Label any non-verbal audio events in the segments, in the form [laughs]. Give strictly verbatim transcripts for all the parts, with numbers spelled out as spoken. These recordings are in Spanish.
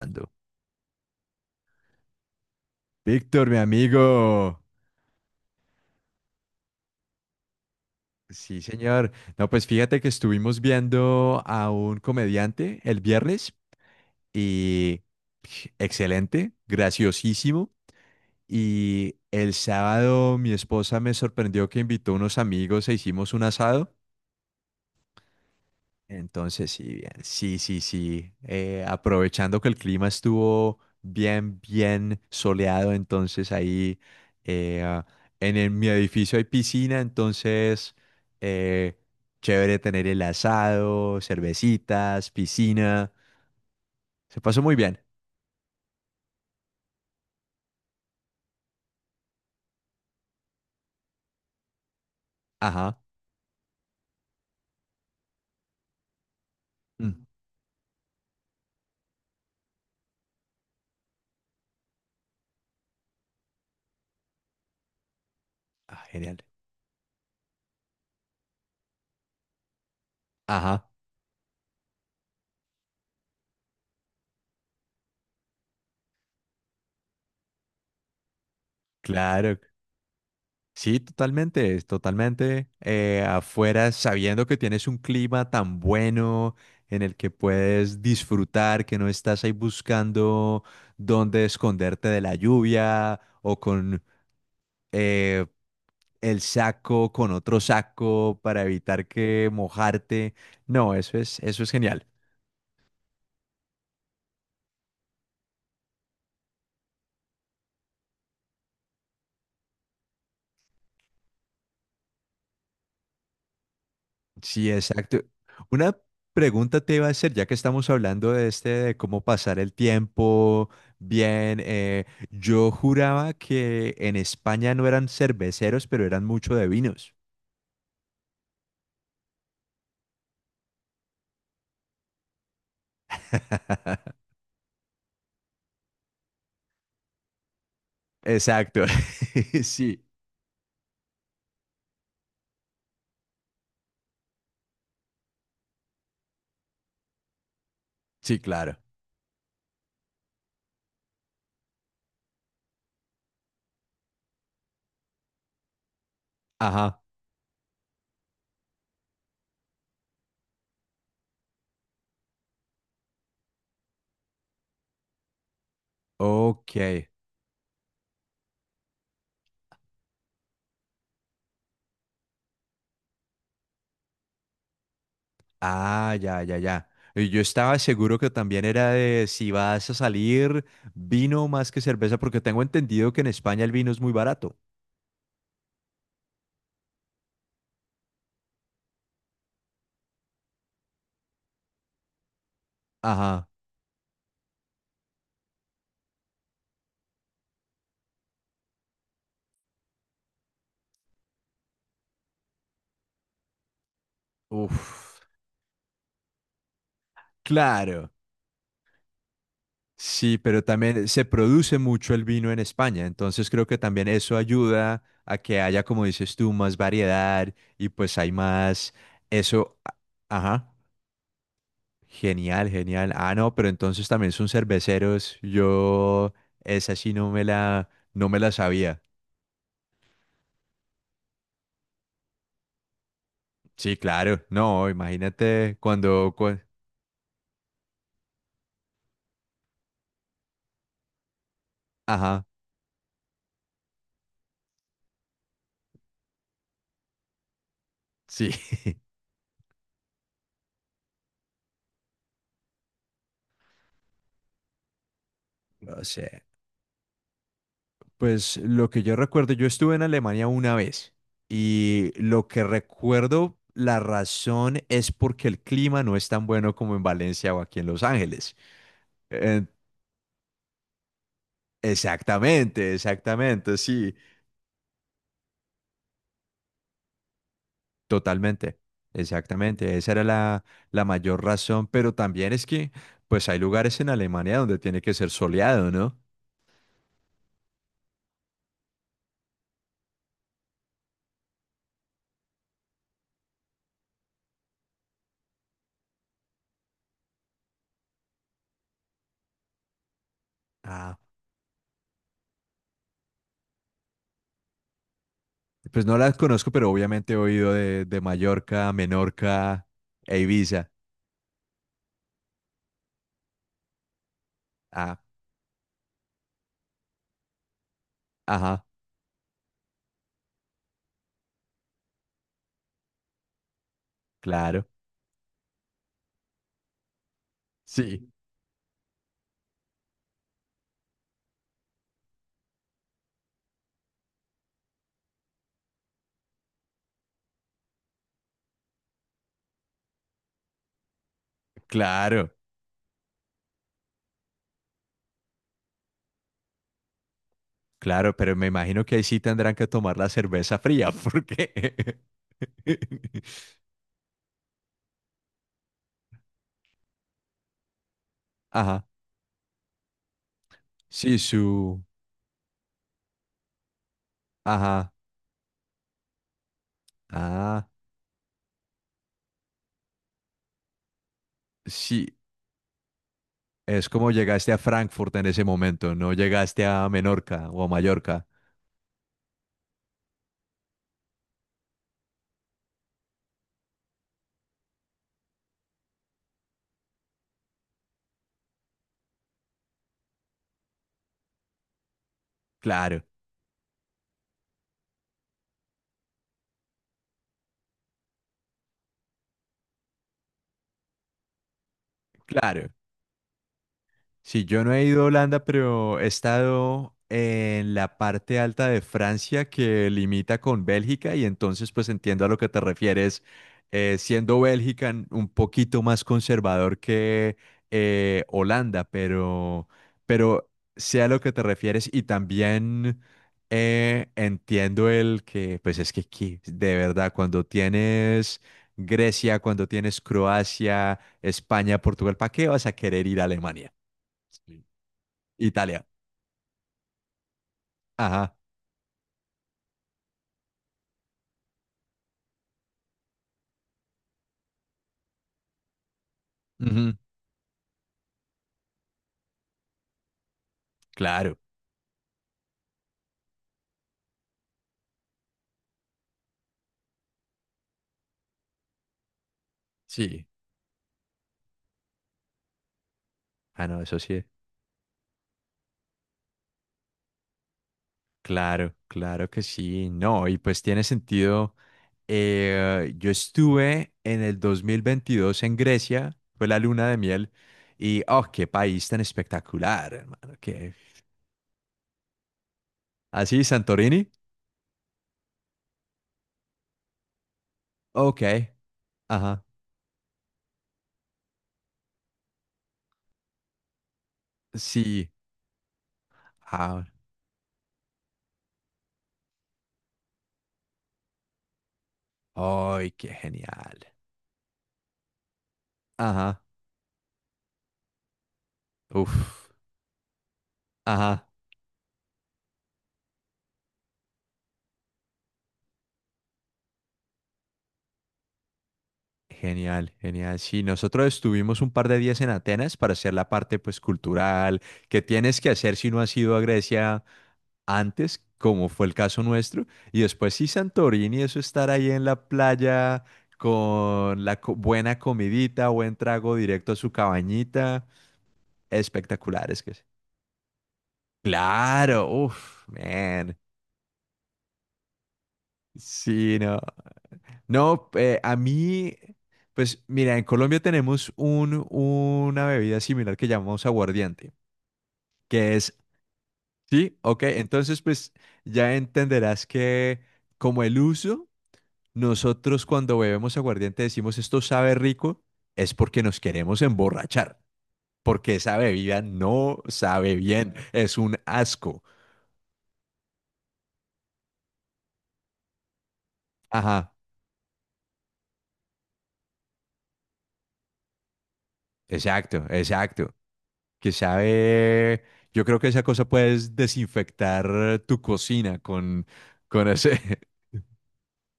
Ando. Víctor, mi amigo. Sí, señor. No, pues fíjate que estuvimos viendo a un comediante el viernes y excelente, graciosísimo. Y el sábado mi esposa me sorprendió que invitó unos amigos e hicimos un asado. Entonces, sí, bien. Sí, sí, sí. Eh, aprovechando que el clima estuvo bien, bien soleado, entonces ahí eh, ah, en el- mi edificio hay piscina, entonces eh, chévere tener el asado, cervecitas, piscina. Se pasó muy bien. Ajá. Mm. Ah, genial. Ajá, claro. Sí, totalmente, es totalmente. Eh, afuera, sabiendo que tienes un clima tan bueno en el que puedes disfrutar, que no estás ahí buscando dónde esconderte de la lluvia o con eh, el saco, con otro saco para evitar que mojarte. No, eso es, eso es genial. Sí, exacto. Una pregunta te iba a hacer, ya que estamos hablando de este, de cómo pasar el tiempo bien. Eh, yo juraba que en España no eran cerveceros, pero eran mucho de vinos. [laughs] Exacto. [laughs] Sí, sí, claro. Ajá. Ok. Ah, ya, ya, ya. Y yo estaba seguro que también era de si vas a salir vino más que cerveza, porque tengo entendido que en España el vino es muy barato. Ajá. Uf. Claro, sí, pero también se produce mucho el vino en España, entonces creo que también eso ayuda a que haya, como dices tú, más variedad y pues hay más, eso, a- ajá, genial, genial. Ah, no, pero entonces también son cerveceros, yo esa sí no me la, no me la sabía. Sí, claro, no, imagínate cuando, cua- ajá, sí. [laughs] No sé. Pues lo que yo recuerdo, yo estuve en Alemania una vez y lo que recuerdo, la razón es porque el clima no es tan bueno como en Valencia o aquí en Los Ángeles. Eh, Exactamente, exactamente, sí, totalmente, exactamente. Esa era la, la mayor razón, pero también es que pues hay lugares en Alemania donde tiene que ser soleado, ¿no? Ah, pues no las conozco, pero obviamente he oído de, de Mallorca, Menorca e Ibiza. Ah, ajá, claro. Sí, claro, claro, pero me imagino que ahí sí tendrán que tomar la cerveza fría, porque. [laughs] Ajá, sí, su. Ajá, ah, sí, es como llegaste a Frankfurt en ese momento, no llegaste a Menorca o a Mallorca. Claro, claro. Sí, yo no he ido a Holanda, pero he estado en la parte alta de Francia que limita con Bélgica y entonces pues entiendo a lo que te refieres, eh, siendo Bélgica n- un poquito más conservador que eh, Holanda, pero, pero sé a lo que te refieres y también eh, entiendo el que pues es que aquí, de verdad, cuando tienes Grecia, cuando tienes Croacia, España, Portugal, ¿para qué vas a querer ir a Alemania? Sí. Italia. Ajá. Ujú, claro. Sí. Ah, no, eso sí. Claro, claro que sí. No, y pues tiene sentido. Eh, yo estuve en el dos mil veintidós en Grecia, fue la luna de miel, y oh, qué país tan espectacular, hermano. ¿Qué? Así, Santorini. Ok. Ajá. Sí. Ah, ay, qué genial. Ajá. Uf. Ajá. Genial, genial. Sí, nosotros estuvimos un par de días en Atenas para hacer la parte pues cultural que tienes que hacer si no has ido a Grecia antes, como fue el caso nuestro, y después sí Santorini, eso estar ahí en la playa con la co- buena comidita, buen trago directo a su cabañita, espectacular, es que sí. Claro, uff, man. Sí, no. No, eh, a mí, pues mira, en Colombia tenemos un, una bebida similar que llamamos aguardiente, que es, sí, ok, entonces pues ya entenderás que como el uso, nosotros cuando bebemos aguardiente decimos esto sabe rico, es porque nos queremos emborrachar, porque esa bebida no sabe bien, es un asco. Ajá, exacto, exacto. Que sabe, yo creo que esa cosa puedes desinfectar tu cocina con, con ese. [laughs]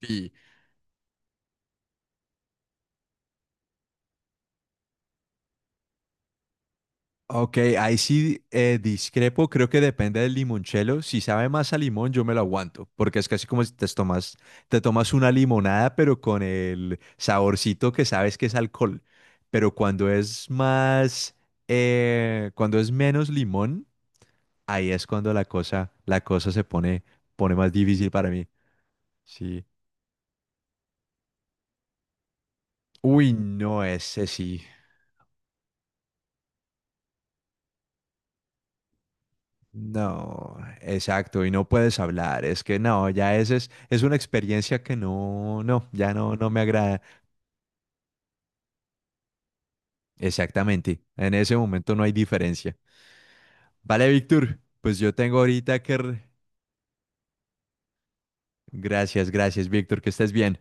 Y, ok, ahí sí eh, discrepo, creo que depende del limonchelo. Si sabe más a limón, yo me lo aguanto, porque es casi como si te tomas, te tomas una limonada, pero con el saborcito que sabes que es alcohol. Pero cuando es más, eh, cuando es menos limón, ahí es cuando la cosa, la cosa se pone, pone más difícil para mí. Sí. Uy, no, ese sí. No, exacto, y no puedes hablar, es que no, ya ese es, es una experiencia que no, no, ya no, no me agrada. Exactamente, en ese momento no hay diferencia. Vale, Víctor, pues yo tengo ahorita que. re- Gracias, gracias, Víctor, que estés bien.